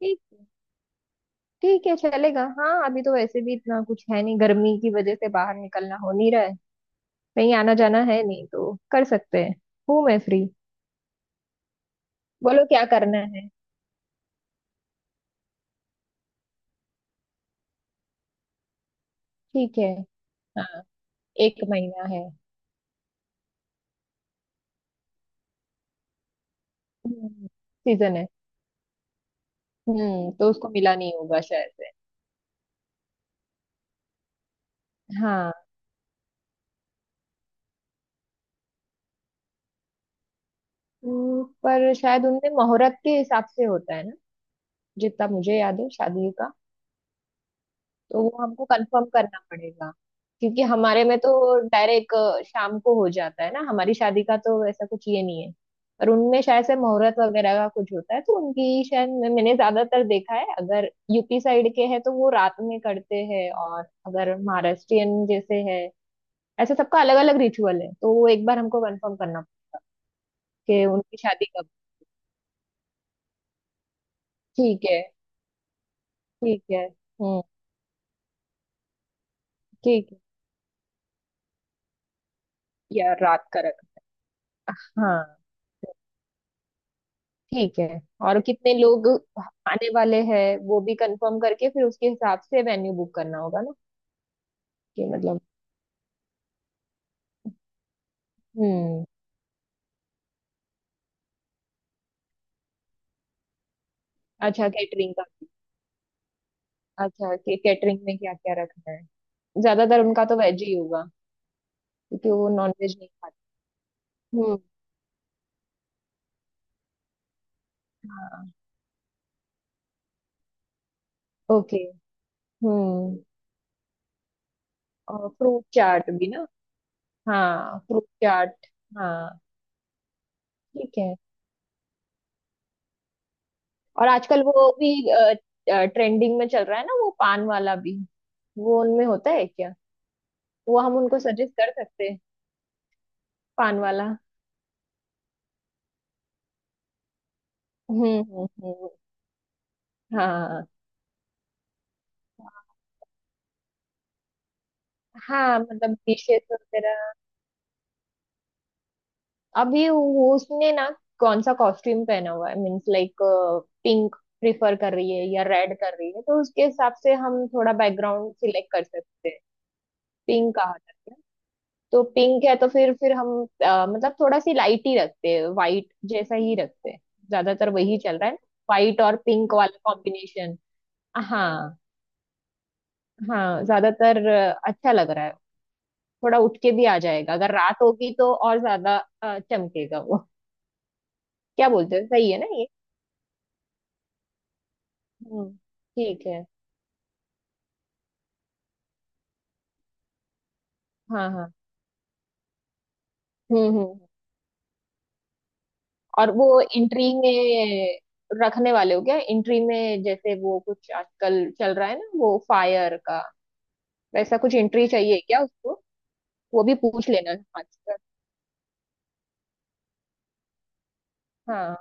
ठीक ठीक है। चलेगा। हाँ, अभी तो वैसे भी इतना कुछ है नहीं, गर्मी की वजह से बाहर निकलना हो नहीं रहा है। कहीं आना जाना है नहीं तो कर सकते हैं। मैं फ्री। बोलो क्या करना है। ठीक है। हाँ, एक महीना है। सीजन है। तो उसको मिला नहीं होगा शायद से। हाँ। पर शायद उनमें मुहूर्त के हिसाब से होता है ना। जितना मुझे याद है शादी का, तो वो हमको कंफर्म करना पड़ेगा क्योंकि हमारे में तो डायरेक्ट शाम को हो जाता है ना। हमारी शादी का तो ऐसा कुछ ये नहीं है, पर उनमें शायद से मुहूर्त वगैरह का कुछ होता है। तो उनकी शायद मैंने ज्यादातर देखा है अगर यूपी साइड के हैं तो वो रात में करते हैं, और अगर महाराष्ट्रियन जैसे है, ऐसे सबका अलग अलग रिचुअल है। तो वो एक बार हमको कंफर्म करना पड़ेगा कि उनकी शादी कब। ठीक है। ठीक है। हम्म। ठीक है। या रात का रख। हाँ। ठीक है। और कितने लोग आने वाले हैं वो भी कंफर्म करके फिर उसके हिसाब से वेन्यू बुक करना होगा ना। कि मतलब। हम्म। अच्छा, कैटरिंग का। अच्छा, कि कैटरिंग में क्या क्या रखना है। ज्यादातर उनका तो वेज ही होगा क्योंकि वो नॉन वेज नहीं खाते। हम्म। हाँ। ओके। हम्म। और फ्रूट चाट भी ना। हाँ, फ्रूट चाट। हाँ। ठीक है। और आजकल वो भी ट्रेंडिंग में चल रहा है ना, वो पान वाला भी। वो उनमें होता है क्या। वो हम उनको सजेस्ट कर सकते हैं, पान वाला। हम्म, हम्म, हम्म। हाँ। हाँ, मतलब डिशेस वगैरह। अभी वो उसने ना कौन सा कॉस्ट्यूम पहना हुआ है, मीन्स लाइक पिंक प्रिफर कर रही है या रेड कर रही है, तो उसके हिसाब से हम थोड़ा बैकग्राउंड सिलेक्ट कर सकते हैं। पिंक कहा जाता है। तो पिंक है तो फिर हम, मतलब थोड़ा सी लाइट ही रखते हैं, वाइट जैसा ही रखते हैं। ज्यादातर वही चल रहा है, वाइट और पिंक वाला कॉम्बिनेशन। हाँ। हाँ, ज्यादातर अच्छा लग रहा है। थोड़ा उठ के भी आ जाएगा अगर रात होगी तो, और ज्यादा चमकेगा वो। क्या बोलते हैं, सही है ना ये। हम्म। ठीक है। हाँ, हाँ। हम्म, हम्म, और वो एंट्री में रखने वाले हो क्या? एंट्री में जैसे वो कुछ आजकल चल रहा है ना, वो फायर का, वैसा कुछ एंट्री चाहिए क्या उसको? वो भी पूछ लेना। आजकल। हाँ।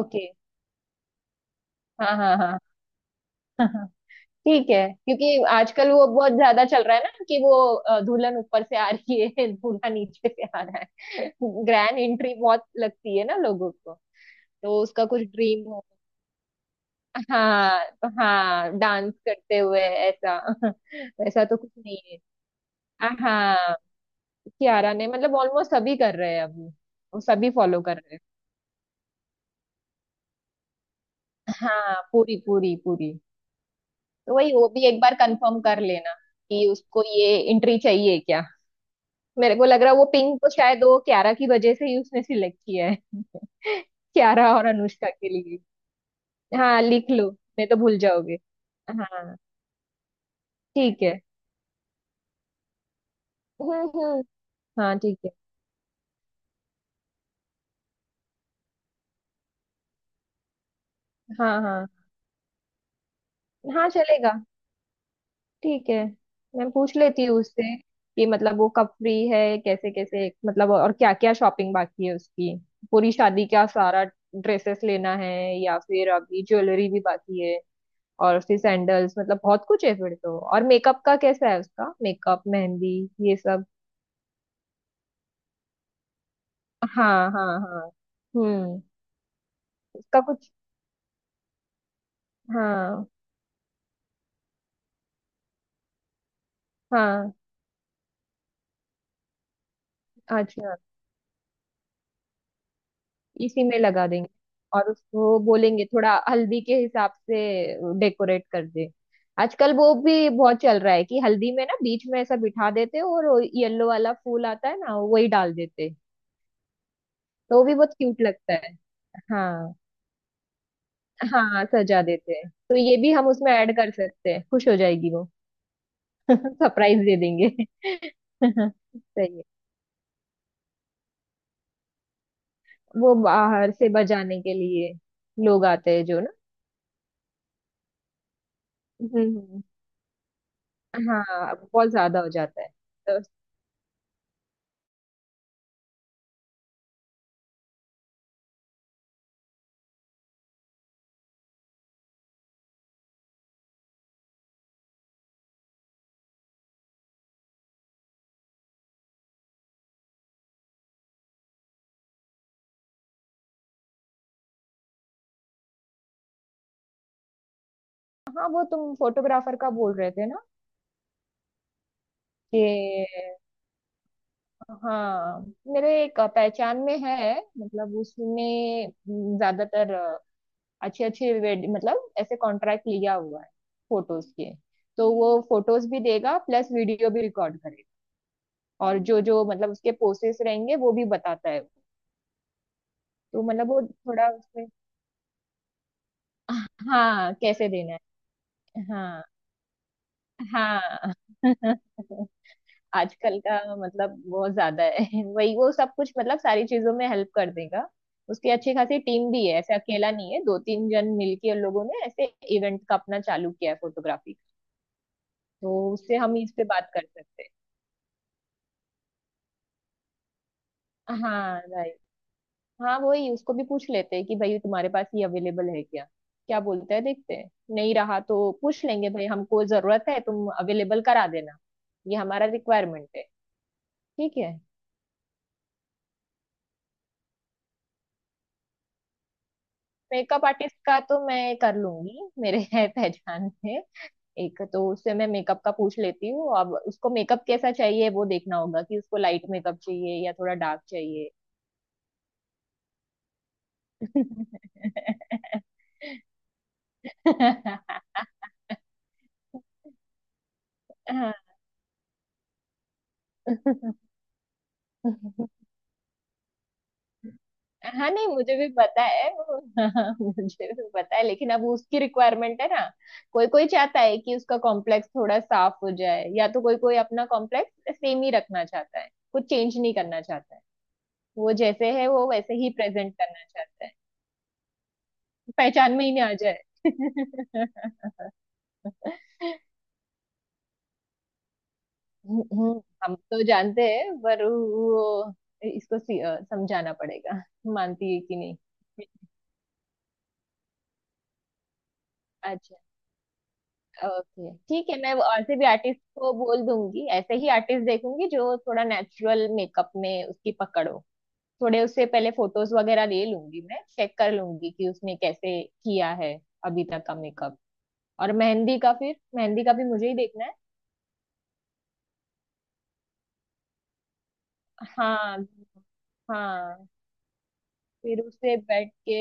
ओके। हाँ, हाँ, हाँ। ठीक है। क्योंकि आजकल वो बहुत ज्यादा चल रहा है ना कि वो दुल्हन ऊपर से आ रही है दूल्हा नीचे से आ रहा है ग्रैंड एंट्री, बहुत लगती है ना लोगों को। तो उसका कुछ ड्रीम हो। हाँ तो हाँ, डांस करते हुए ऐसा। वैसा तो कुछ नहीं है। हाँ। कियारा ने मतलब ऑलमोस्ट सभी कर रहे हैं अभी। वो सभी फॉलो कर रहे हैं। हाँ, पूरी पूरी पूरी। तो वही वो भी एक बार कंफर्म कर लेना कि उसको ये एंट्री चाहिए क्या। मेरे को लग रहा है वो पिंक तो शायद वो क्यारा की वजह से ही उसने सिलेक्ट किया है। क्यारा और अनुष्का के लिए। हाँ, लिख लो, नहीं तो भूल जाओगे। हाँ। ठीक है। हम्म, हम्म। हाँ, ठीक है। हाँ, हाँ, हाँ, चलेगा। ठीक है, मैं पूछ लेती हूँ उससे कि मतलब वो कब फ्री है, कैसे कैसे, मतलब और क्या क्या शॉपिंग बाकी है उसकी। पूरी शादी का सारा ड्रेसेस लेना है, या फिर अभी ज्वेलरी भी बाकी है, और फिर सैंडल्स, मतलब बहुत कुछ है फिर तो। और मेकअप का कैसा है उसका, मेकअप, मेहंदी, ये सब। हाँ, हाँ, हाँ। हम्म। उसका कुछ। हाँ, हाँ। अच्छा। इसी में लगा देंगे। और उसको बोलेंगे थोड़ा हल्दी के हिसाब से डेकोरेट कर दे। आजकल वो भी बहुत चल रहा है कि हल्दी में ना बीच में ऐसा बिठा देते हैं और येलो वाला फूल आता है ना वही डाल देते हैं। तो वो भी बहुत क्यूट लगता है। हाँ। हाँ, सजा देते हैं तो ये भी हम उसमें ऐड कर सकते हैं, खुश हो जाएगी वो। सरप्राइज दे देंगे। सही है। वो बाहर से बजाने के लिए लोग आते हैं जो ना। हम्म। हाँ, बहुत ज्यादा हो जाता है। तो। हाँ, वो तुम फोटोग्राफर का बोल रहे थे ना कि। हाँ, मेरे एक पहचान में है, मतलब उसने ज्यादातर अच्छे अच्छे, मतलब ऐसे कॉन्ट्रैक्ट लिया हुआ है फोटोज के। तो वो फोटोज भी देगा प्लस वीडियो भी रिकॉर्ड करेगा, और जो जो मतलब उसके पोसेस रहेंगे वो भी बताता है। तो मतलब वो थोड़ा उसमें, हाँ, कैसे देना है। हाँ, हाँ। आजकल का मतलब बहुत ज्यादा है। वही वो सब कुछ, मतलब सारी चीजों में हेल्प कर देगा। उसकी अच्छी खासी टीम भी है, ऐसे अकेला नहीं है। दो तीन जन मिलके उन लोगों ने ऐसे इवेंट का अपना चालू किया है, फोटोग्राफी। तो उससे हम इस पे बात कर सकते हैं। हाँ, राइट। हाँ, वही उसको भी पूछ लेते हैं कि भाई तुम्हारे पास ये अवेलेबल है क्या, क्या बोलता है, देखते हैं। नहीं रहा तो पूछ लेंगे, भाई हमको जरूरत है, तुम अवेलेबल करा देना, ये हमारा रिक्वायरमेंट है। ठीक है। मेकअप आर्टिस्ट का तो मैं कर लूंगी, मेरे है पहचान में एक। तो उससे मैं मेकअप का पूछ लेती हूँ। अब उसको मेकअप कैसा चाहिए वो देखना होगा, कि उसको लाइट मेकअप चाहिए या थोड़ा डार्क चाहिए। हाँ, हाँ, नहीं, मुझे भी पता है वो। हाँ, मुझे भी पता है, लेकिन अब उसकी रिक्वायरमेंट है ना। कोई कोई चाहता है कि उसका कॉम्प्लेक्स थोड़ा साफ हो जाए, या तो कोई कोई अपना कॉम्प्लेक्स सेम ही रखना चाहता है, कुछ चेंज नहीं करना चाहता है। वो जैसे है वो वैसे ही प्रेजेंट करना चाहता है। पहचान में ही ना आ जाए। हम तो जानते हैं, पर वो इसको समझाना पड़ेगा, मानती है कि नहीं। अच्छा। ओके, ठीक है, मैं वो और से भी आर्टिस्ट को बोल दूंगी, ऐसे ही आर्टिस्ट देखूंगी जो थोड़ा नेचुरल मेकअप में उसकी पकड़ हो। थोड़े उससे पहले फोटोज वगैरह ले लूंगी, मैं चेक कर लूंगी कि उसने कैसे किया है अभी तक का मेकअप। और मेहंदी का, फिर मेहंदी का भी मुझे ही देखना है। हाँ, हाँ। फिर उससे बैठ के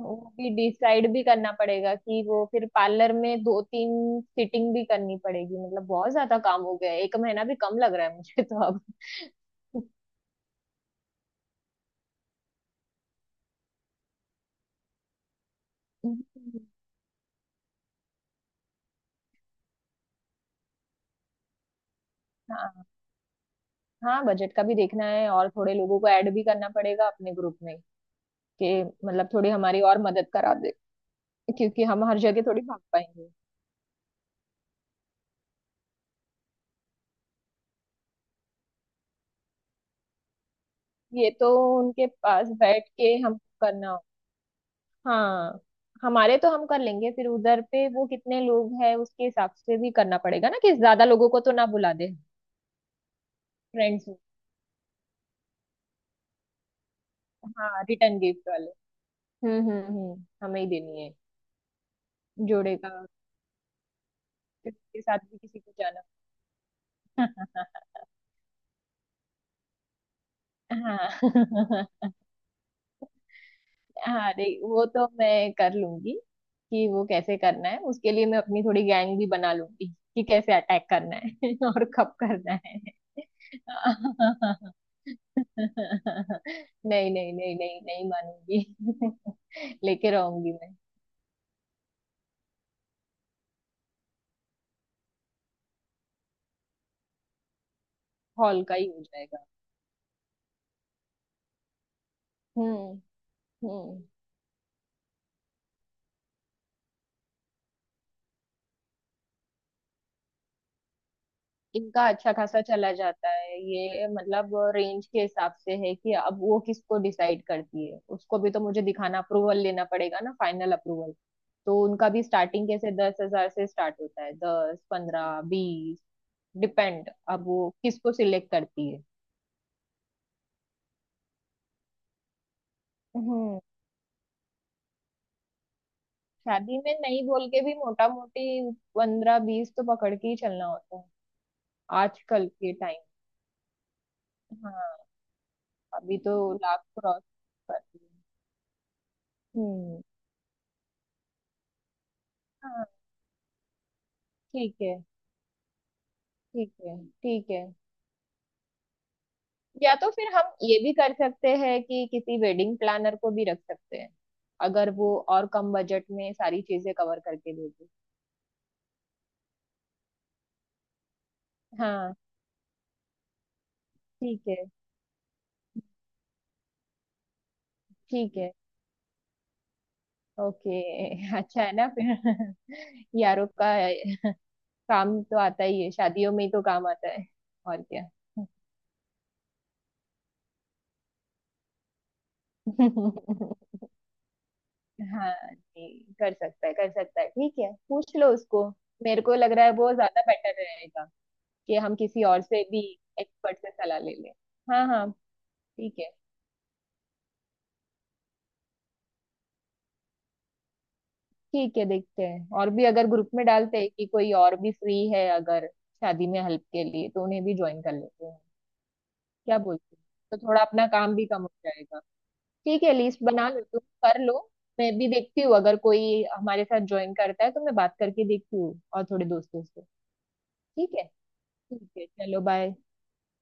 वो भी डिसाइड भी करना पड़ेगा, कि वो फिर पार्लर में दो तीन सिटिंग भी करनी पड़ेगी। मतलब बहुत ज्यादा काम हो गया है। एक महीना भी कम लग रहा है मुझे तो अब। हाँ। हाँ, बजट का भी देखना है, और थोड़े लोगों को ऐड भी करना पड़ेगा अपने ग्रुप में, कि मतलब थोड़ी हमारी और मदद करा दे, क्योंकि हम हर जगह थोड़ी भाग पाएंगे। ये तो उनके पास बैठ के हम करना हो। हाँ, हमारे तो हम कर लेंगे, फिर उधर पे वो कितने लोग हैं उसके हिसाब से भी करना पड़ेगा ना कि ज्यादा लोगों को तो ना बुला दे। फ्रेंड्स। हाँ, रिटर्न गिफ्ट वाले। हम्म, हम्म, हम्म, हमें ही देनी है। जोड़े का। फिर उसके साथ भी किसी को जाना। हाँ। हाँ, अरे वो तो मैं कर लूंगी। कि वो कैसे करना है उसके लिए मैं अपनी थोड़ी गैंग भी बना लूंगी, कि कैसे अटैक करना है और कब करना है। नहीं, नहीं, नहीं, नहीं, नहीं मानूंगी। लेके रहूंगी मैं। हॉल का ही हो जाएगा। हम्म। हम्म। इनका अच्छा खासा चला जाता है। ये मतलब रेंज के हिसाब से है, कि अब वो किसको डिसाइड करती है। उसको भी तो मुझे दिखाना, अप्रूवल लेना पड़ेगा ना, फाइनल अप्रूवल। तो उनका भी स्टार्टिंग कैसे 10,000 से स्टार्ट होता है, दस पंद्रह बीस डिपेंड। अब वो किसको सिलेक्ट करती है। हम्म। शादी में नहीं बोल के भी मोटा मोटी पंद्रह बीस तो पकड़ के ही चलना होता है। आजकल के टाइम। हाँ, अभी तो लाख क्रॉस कर दिए। हम्म। हाँ, ठीक है। ठीक है। ठीक है। या तो फिर हम ये भी कर सकते हैं कि किसी वेडिंग प्लानर को भी रख सकते हैं, अगर वो और कम बजट में सारी चीजें कवर करके दे दे। हाँ। ठीक है। ठीक है। ओके। अच्छा है ना फिर। यारों का काम तो आता ही है, शादियों में ही तो काम आता है। और क्या। हाँ जी। कर सकता है, कर सकता है, ठीक है, पूछ लो उसको। मेरे को लग रहा है वो ज्यादा बेटर रहेगा, कि हम किसी और से भी, एक्सपर्ट से सलाह ले लें। हाँ, हाँ। ठीक है। ठीक है, देखते हैं, और भी अगर ग्रुप में डालते हैं कि कोई और भी फ्री है अगर शादी में हेल्प के लिए तो उन्हें भी ज्वाइन कर लेते हैं। क्या बोलते हैं, तो थोड़ा अपना काम भी कम हो जाएगा। ठीक है, लिस्ट बना लो तुम, कर लो। मैं भी देखती हूँ अगर कोई हमारे साथ ज्वाइन करता है तो मैं बात करके देखती हूँ और थोड़े दोस्तों से। ठीक है। ठीक है, चलो बाय।